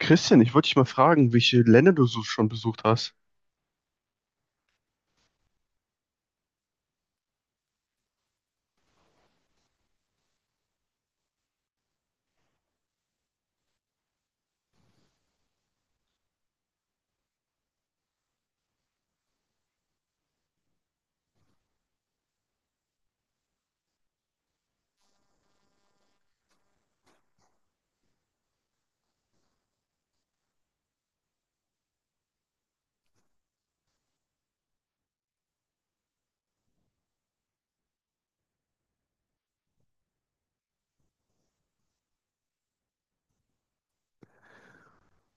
Christian, ich wollte dich mal fragen, welche Länder du so schon besucht hast.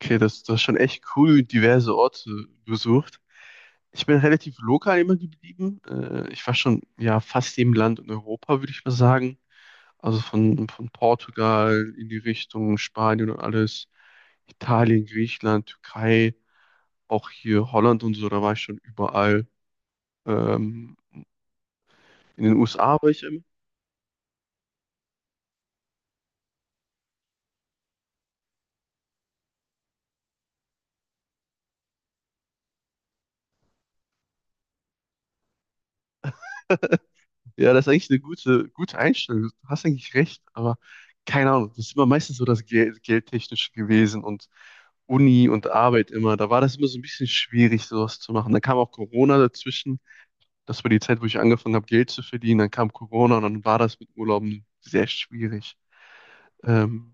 Okay, das ist schon echt cool, diverse Orte besucht. Ich bin relativ lokal immer geblieben. Ich war schon ja fast jedem Land in Europa, würde ich mal sagen. Also von Portugal in die Richtung Spanien und alles. Italien, Griechenland, Türkei, auch hier Holland und so, da war ich schon überall. Ähm, in den USA war ich immer. Ja, das ist eigentlich eine gute Einstellung. Du hast eigentlich recht, aber keine Ahnung, das ist immer meistens so das Geldtechnische gewesen und Uni und Arbeit immer. Da war das immer so ein bisschen schwierig, sowas zu machen. Dann kam auch Corona dazwischen. Das war die Zeit, wo ich angefangen habe, Geld zu verdienen. Dann kam Corona und dann war das mit Urlauben sehr schwierig. Ähm,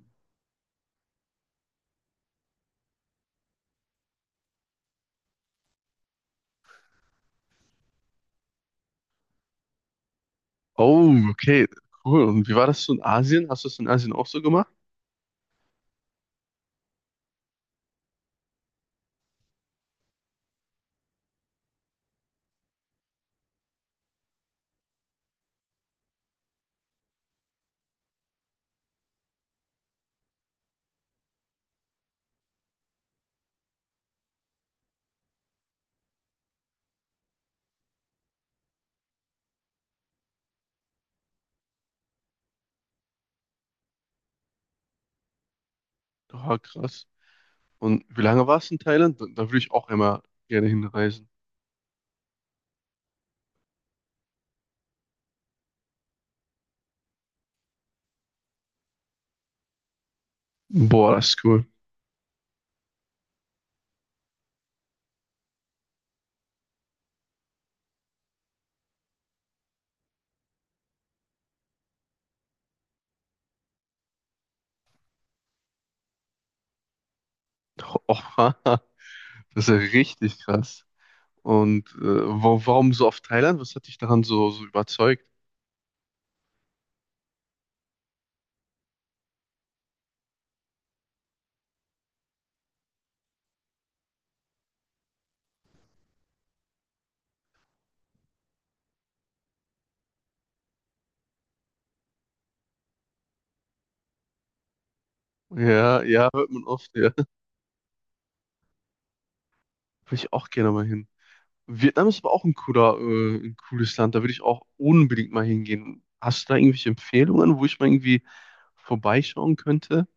oh, okay, cool. Und wie war das so in Asien? Hast du das in Asien auch so gemacht? Oh, krass. Und wie lange warst du in Thailand? Da würde ich auch immer gerne hinreisen. Boah, das ist cool. Oh, das ist ja richtig krass. Und warum so oft Thailand? Was hat dich daran so überzeugt? Ja, ja, hört man oft, ja. Würde ich auch gerne mal hin. Vietnam ist aber auch ein ein cooles Land. Da würde ich auch unbedingt mal hingehen. Hast du da irgendwelche Empfehlungen, wo ich mal irgendwie vorbeischauen könnte?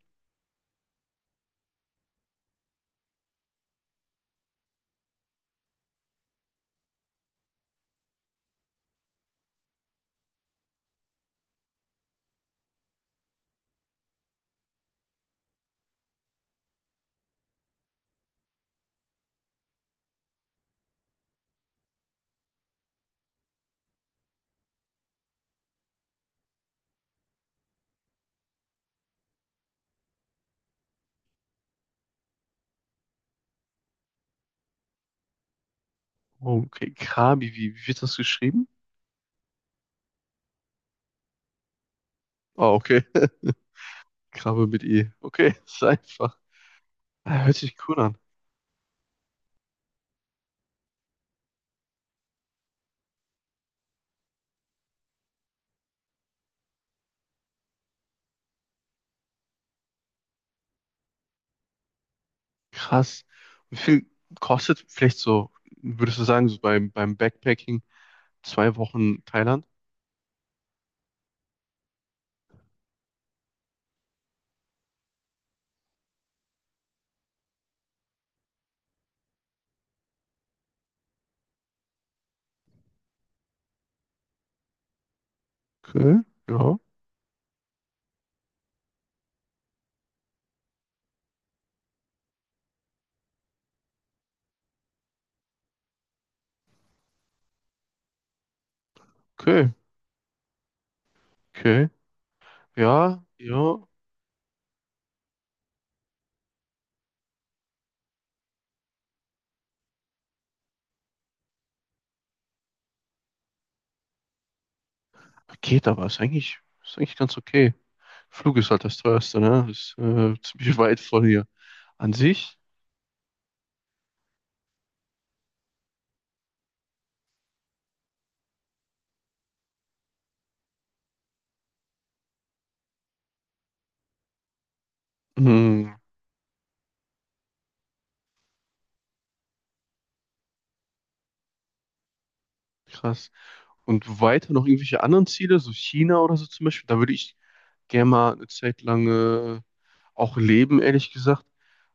Oh, okay, Krabi, wie wird das geschrieben? Ah, okay. Krabbe mit E. Okay, ist einfach. Ah, hört sich cool an. Krass. Wie viel kostet vielleicht so, würdest du sagen, so beim Backpacking? 2 Wochen Thailand. Okay, ja. Okay, okay. Ja, ja. Geht aber, ist eigentlich ganz okay. Flug ist halt das teuerste, ne? Ist ziemlich weit von hier. An sich, hm, krass. Und weiter noch irgendwelche anderen Ziele, so China oder so zum Beispiel, da würde ich gerne mal eine Zeit lang auch leben, ehrlich gesagt.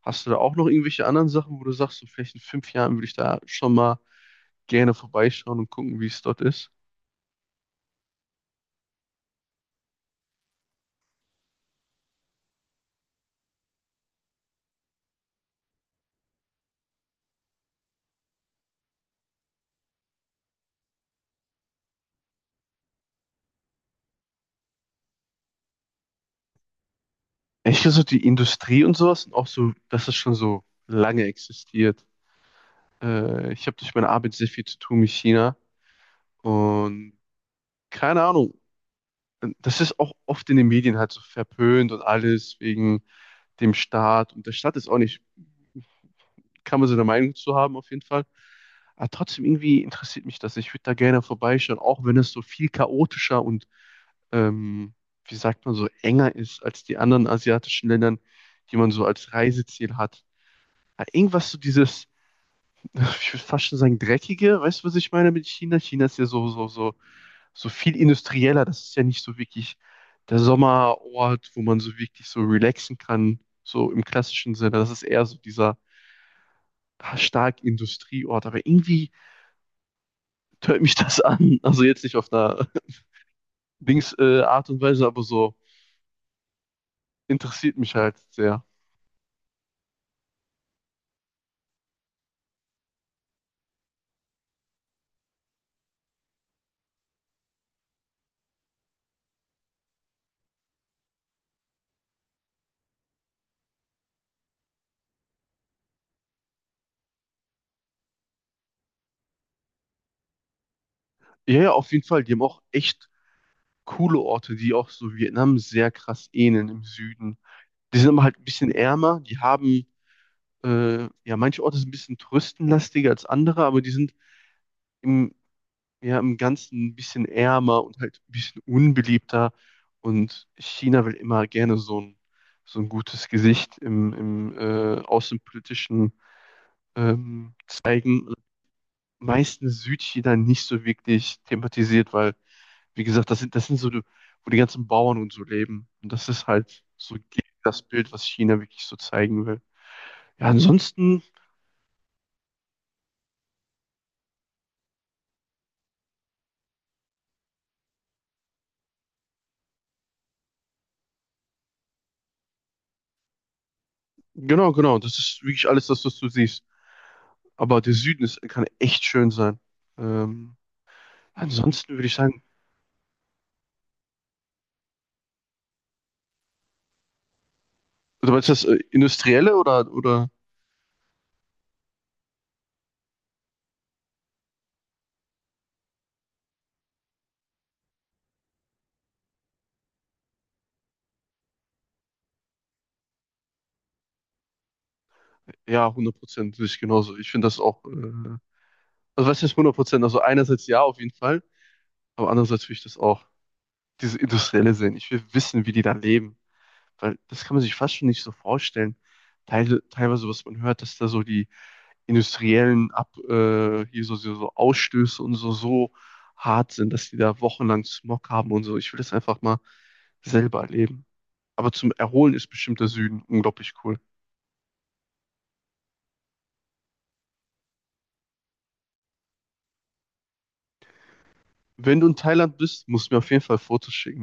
Hast du da auch noch irgendwelche anderen Sachen, wo du sagst, so vielleicht in 5 Jahren würde ich da schon mal gerne vorbeischauen und gucken, wie es dort ist? Ich glaube, so die Industrie und sowas und auch so, dass das schon so lange existiert. Ich habe durch meine Arbeit sehr viel zu tun mit China und keine Ahnung, das ist auch oft in den Medien halt so verpönt und alles wegen dem Staat. Und der Staat ist auch nicht, kann man so eine Meinung zu haben auf jeden Fall. Aber trotzdem irgendwie interessiert mich das. Ich würde da gerne vorbeischauen, auch wenn es so viel chaotischer und, ähm, wie sagt man, so enger ist als die anderen asiatischen Ländern, die man so als Reiseziel hat. Hat irgendwas so dieses, ich würde fast schon sagen, dreckige, weißt du, was ich meine mit China? China ist ja so viel industrieller. Das ist ja nicht so wirklich der Sommerort, wo man so wirklich so relaxen kann, so im klassischen Sinne. Das ist eher so dieser stark Industrieort. Aber irgendwie tönt mich das an. Also jetzt nicht auf einer Art und Weise, aber so interessiert mich halt sehr. Ja, ja, auf jeden Fall. Die haben auch echt coole Orte, die auch so Vietnam sehr krass ähneln im Süden. Die sind immer halt ein bisschen ärmer, ja, manche Orte sind ein bisschen touristenlastiger als andere, aber die sind im, ja, im Ganzen ein bisschen ärmer und halt ein bisschen unbeliebter. Und China will immer gerne so ein gutes Gesicht im außenpolitischen zeigen. Meistens Südchina nicht so wirklich thematisiert, weil, wie gesagt, das sind so, die- wo die ganzen Bauern und so leben. Und das ist halt so gegen das Bild, was China wirklich so zeigen will. Ja, ansonsten genau, genau. Das ist wirklich alles das, was du siehst. Aber der Süden ist, kann echt schön sein. Ähm, ansonsten würde ich sagen, also meinst du das Industrielle oder ja, 100% sehe ich genauso. Ich finde das auch, also was heißt 100%? Also einerseits ja, auf jeden Fall, aber andererseits will ich das auch, diese Industrielle sehen. Ich will wissen, wie die da leben, weil das kann man sich fast schon nicht so vorstellen. Teilweise, was man hört, dass da so die, hier so Ausstöße und so, so hart sind, dass die da wochenlang Smog haben und so. Ich will das einfach mal selber erleben. Aber zum Erholen ist bestimmt der Süden unglaublich cool. Wenn du in Thailand bist, musst du mir auf jeden Fall Fotos schicken.